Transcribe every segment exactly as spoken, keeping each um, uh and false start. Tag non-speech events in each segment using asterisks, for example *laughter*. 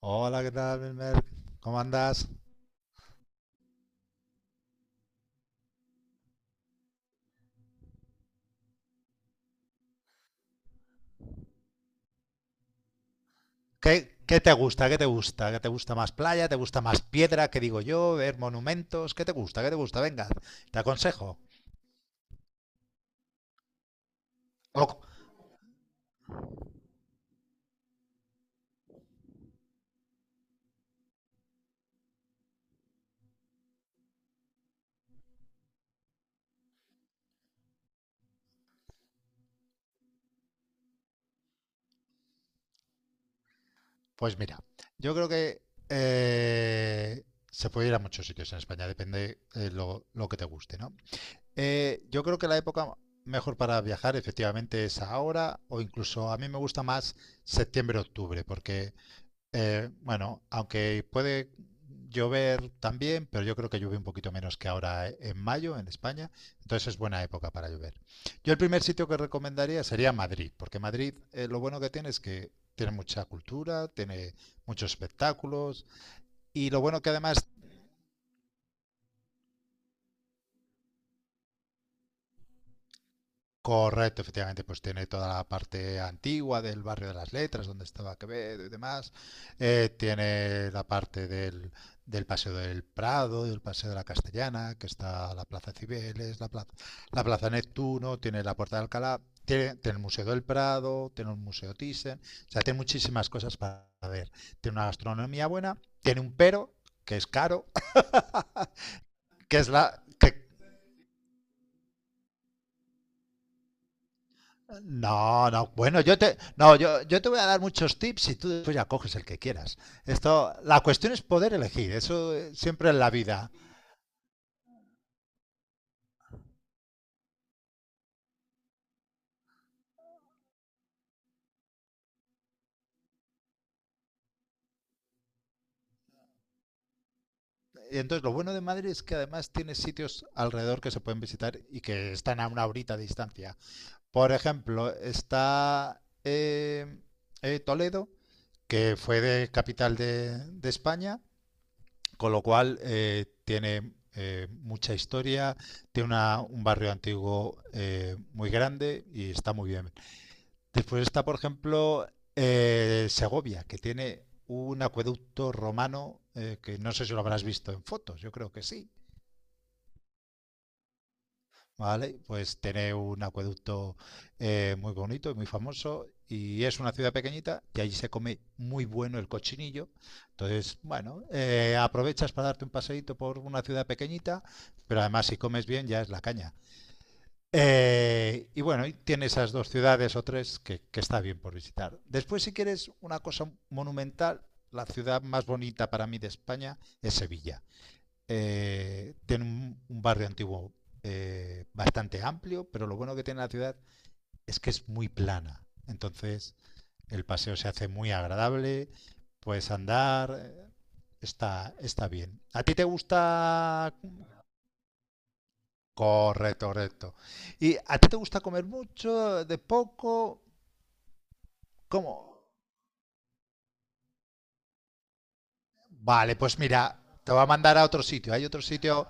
Hola, ¿qué tal, Belmer? ¿Cómo andas? ¿Qué, qué te gusta? ¿Qué te gusta? ¿Qué te gusta más, playa? ¿Te gusta más piedra? ¿Qué digo yo? ¿Ver monumentos? ¿Qué te gusta? ¿Qué te gusta? Venga, te aconsejo. O- pues mira, yo creo que eh, se puede ir a muchos sitios en España, depende, eh, lo, lo que te guste, ¿no? Eh, yo creo que la época mejor para viajar efectivamente es ahora, o incluso a mí me gusta más septiembre-octubre, porque, Eh, bueno, aunque puede llover también, pero yo creo que llueve un poquito menos que ahora, eh, en mayo en España, entonces es buena época para llover. Yo el primer sitio que recomendaría sería Madrid, porque Madrid, eh, lo bueno que tiene es que tiene mucha cultura, tiene muchos espectáculos, y lo bueno que además… Correcto, efectivamente, pues tiene toda la parte antigua del barrio de las letras, donde estaba Quevedo y demás. Eh, tiene la parte del, del Paseo del Prado, del Paseo de la Castellana, que está la Plaza Cibeles, la plaza, la plaza Neptuno, tiene la Puerta de Alcalá, tiene, tiene el Museo del Prado, tiene un Museo Thyssen, o sea, tiene muchísimas cosas para ver. Tiene una gastronomía buena, tiene un pero, que es caro, *laughs* que es la, que… No, no, bueno, yo te, no, yo, yo te voy a dar muchos tips y tú después ya coges el que quieras. Esto, la cuestión es poder elegir, eso, eh, siempre en la vida. Y entonces lo bueno de Madrid es que además tiene sitios alrededor que se pueden visitar y que están a una horita de distancia. Por ejemplo, está, eh, eh, Toledo, que fue de capital de, de España. Con lo cual, eh, tiene, eh, mucha historia, tiene una- un barrio antiguo, eh, muy grande, y está muy bien. Después está, por ejemplo, eh, Segovia, que tiene un acueducto romano, eh, que no sé si lo habrás visto en fotos, yo creo que sí. ¿Vale? Pues tiene un acueducto, eh, muy bonito y muy famoso, y es una ciudad pequeñita, y allí se come muy bueno el cochinillo. Entonces, bueno, eh, aprovechas para darte un paseíto por una ciudad pequeñita, pero además si comes bien ya es la caña. Eh, y bueno, y tiene esas dos ciudades o tres que, que está bien por visitar. Después, si quieres una cosa monumental, la ciudad más bonita para mí de España es Sevilla. Eh, tiene un, un, barrio antiguo, eh, bastante amplio, pero lo bueno que tiene la ciudad es que es muy plana. Entonces el paseo se hace muy agradable, puedes andar, eh, está, está bien. ¿A ti te gusta? Correcto, correcto. ¿Y a ti te gusta comer mucho, de poco? ¿Cómo? Vale, pues mira, te voy a mandar a otro sitio. Hay otro sitio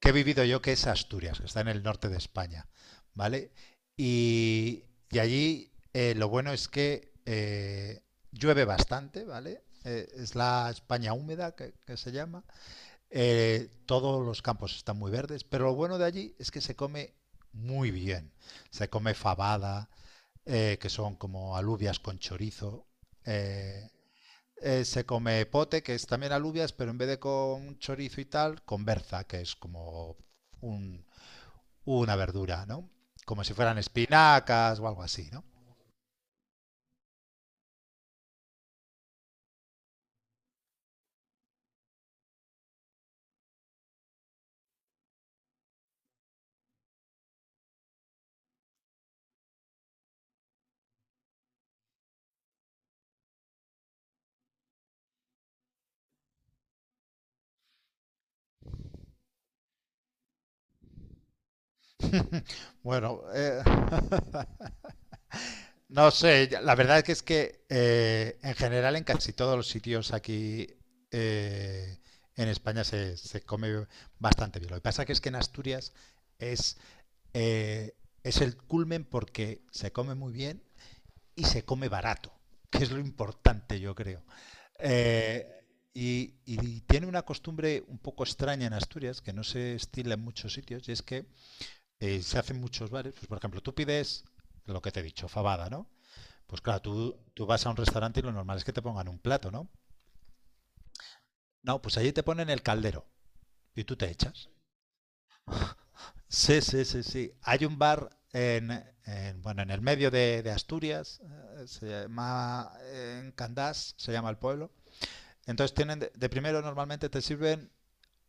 que he vivido yo que es Asturias, que está en el norte de España, ¿vale? Y, y allí, eh, lo bueno es que, eh, llueve bastante, ¿vale? Eh, es la España húmeda que, que se llama. Eh, todos los campos están muy verdes, pero lo bueno de allí es que se come muy bien. Se come fabada, eh, que son como alubias con chorizo, eh, eh, se come pote, que es también alubias, pero en vez de con chorizo y tal, con berza, que es como un- una verdura, ¿no? Como si fueran espinacas o algo así, ¿no? *laughs* Bueno, eh, *laughs* no sé, la verdad es que es que, eh, en general en casi todos los sitios aquí, eh, en España se, se come bastante bien. Lo que pasa que es que en Asturias es, eh, es el culmen, porque se come muy bien y se come barato, que es lo importante, yo creo. Eh, y, y tiene una costumbre un poco extraña en Asturias, que no se estila en muchos sitios, y es que, eh, se hacen muchos bares. Pues, por ejemplo, tú pides lo que te he dicho, fabada, ¿no? Pues claro, tú, tú vas a un restaurante y lo normal es que te pongan un plato, ¿no? No, pues allí te ponen el caldero y tú te echas. Sí, sí, sí, sí. Hay un bar en, en, bueno, en el medio de, de Asturias, eh, se llama, eh, en Candás, se llama el pueblo. Entonces tienen de, de primero normalmente te sirven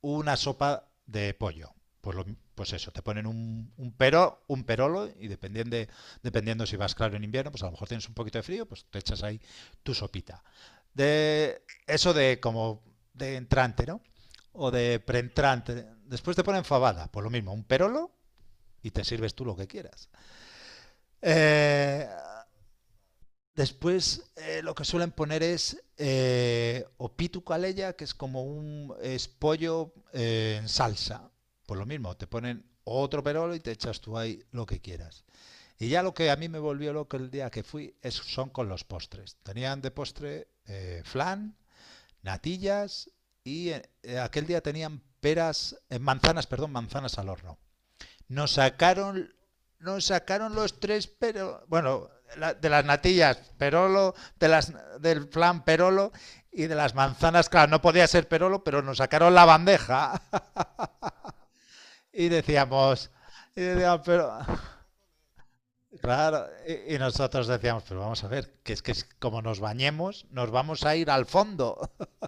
una sopa de pollo. Pues, lo- pues eso, te ponen un, un pero, un perolo, y dependiendo de, dependiendo si vas claro en invierno, pues a lo mejor tienes un poquito de frío, pues te echas ahí tu sopita. De eso, de como de entrante, ¿no? O de preentrante. Después te ponen fabada, pues lo mismo, un perolo, y te sirves tú lo que quieras. Eh, Después, eh, lo que suelen poner es, eh, opitu caleya, que es como un, es pollo, eh, en salsa. Pues lo mismo, te ponen otro perolo y te echas tú ahí lo que quieras. Y ya lo que a mí me volvió loco el día que fui es, son con los postres. Tenían de postre, eh, flan, natillas, y eh, aquel día tenían peras, eh, manzanas, perdón, manzanas al horno. Nos sacaron, nos sacaron los tres, pero bueno, la- de las natillas Perolo, de las, del flan Perolo, y de las manzanas, claro, no podía ser Perolo, pero nos sacaron la bandeja. *laughs* Y decíamos, y decíamos, pero claro, y, y nosotros decíamos, pero vamos a ver, que es que es como nos bañemos, nos vamos a ir al fondo. *laughs*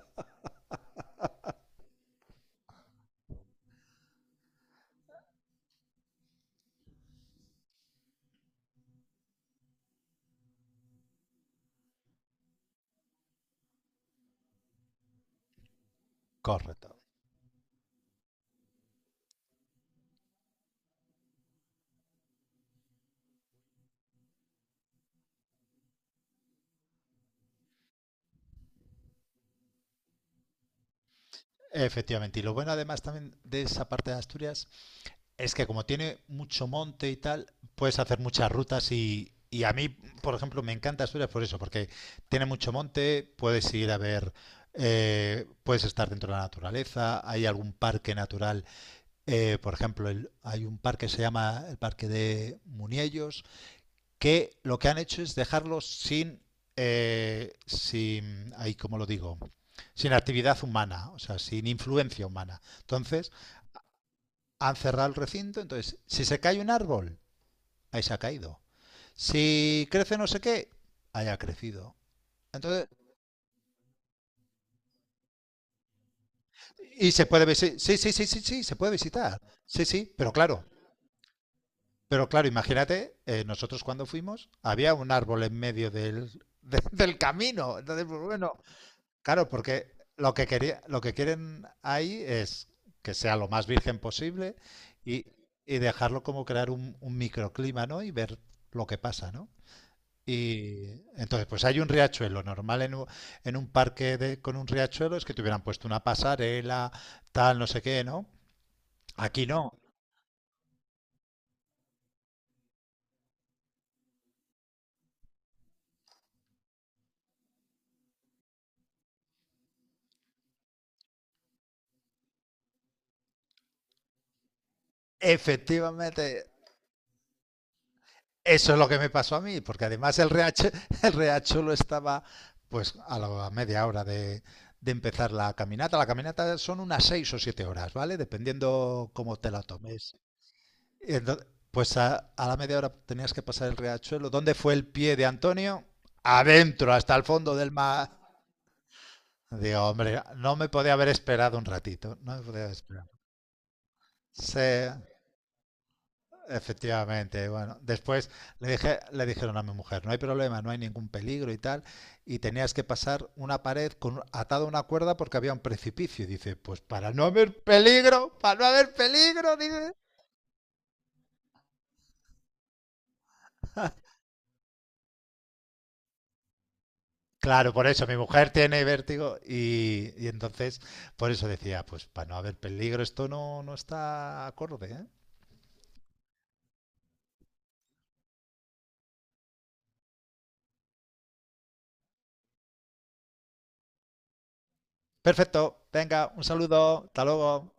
Correcto. Efectivamente, y lo bueno además también de esa parte de Asturias es que como tiene mucho monte y tal, puedes hacer muchas rutas. Y, y a mí, por ejemplo, me encanta Asturias por eso, porque tiene mucho monte, puedes ir a ver, eh, puedes estar dentro de la naturaleza, hay algún parque natural, eh, por ejemplo, el- hay un parque que se llama el Parque de Muniellos, que lo que han hecho es dejarlo sin, eh, sin, ahí como lo digo, sin actividad humana, o sea, sin influencia humana. Entonces, han cerrado el recinto, entonces, si se cae un árbol, ahí se ha caído. Si crece no sé qué, ahí ha crecido. Entonces, y se puede visitar, sí, sí, sí, sí, sí, se puede visitar. Sí, sí, pero claro, pero claro, imagínate, eh, nosotros cuando fuimos, había un árbol en medio del, de- del camino. Entonces, pues bueno, claro, porque lo que quería, lo que quieren ahí es que sea lo más virgen posible, y, y dejarlo, como crear un, un microclima, ¿no? Y ver lo que pasa, ¿no? Y entonces, pues hay un riachuelo. Normal en un, en un parque de- con un riachuelo es que te hubieran puesto una pasarela, tal, no sé qué, ¿no? Aquí no. Efectivamente, eso es lo que me pasó a mí, porque además el riachuelo, *laughs* el riachuelo estaba pues a la media hora de, de empezar la caminata. La caminata son unas seis o siete horas, ¿vale? Dependiendo cómo te la tomes. Y ento- pues a, a la media hora tenías que pasar el riachuelo. ¿Dónde fue el pie de Antonio? Adentro, hasta el fondo del mar. Digo, hombre, no me podía haber esperado un ratito. No me podía haber esperado. Sí, efectivamente. Bueno, después le dije, le dijeron a mi mujer, no hay problema, no hay ningún peligro y tal. Y tenías que pasar una pared con, atada a una cuerda porque había un precipicio. Y dice, pues para no haber peligro, para no haber peligro, dice. Claro, por eso mi mujer tiene vértigo, y, y entonces por eso decía, pues para no haber peligro, esto no, no está acorde, ¿eh? Perfecto, venga, un saludo, hasta luego.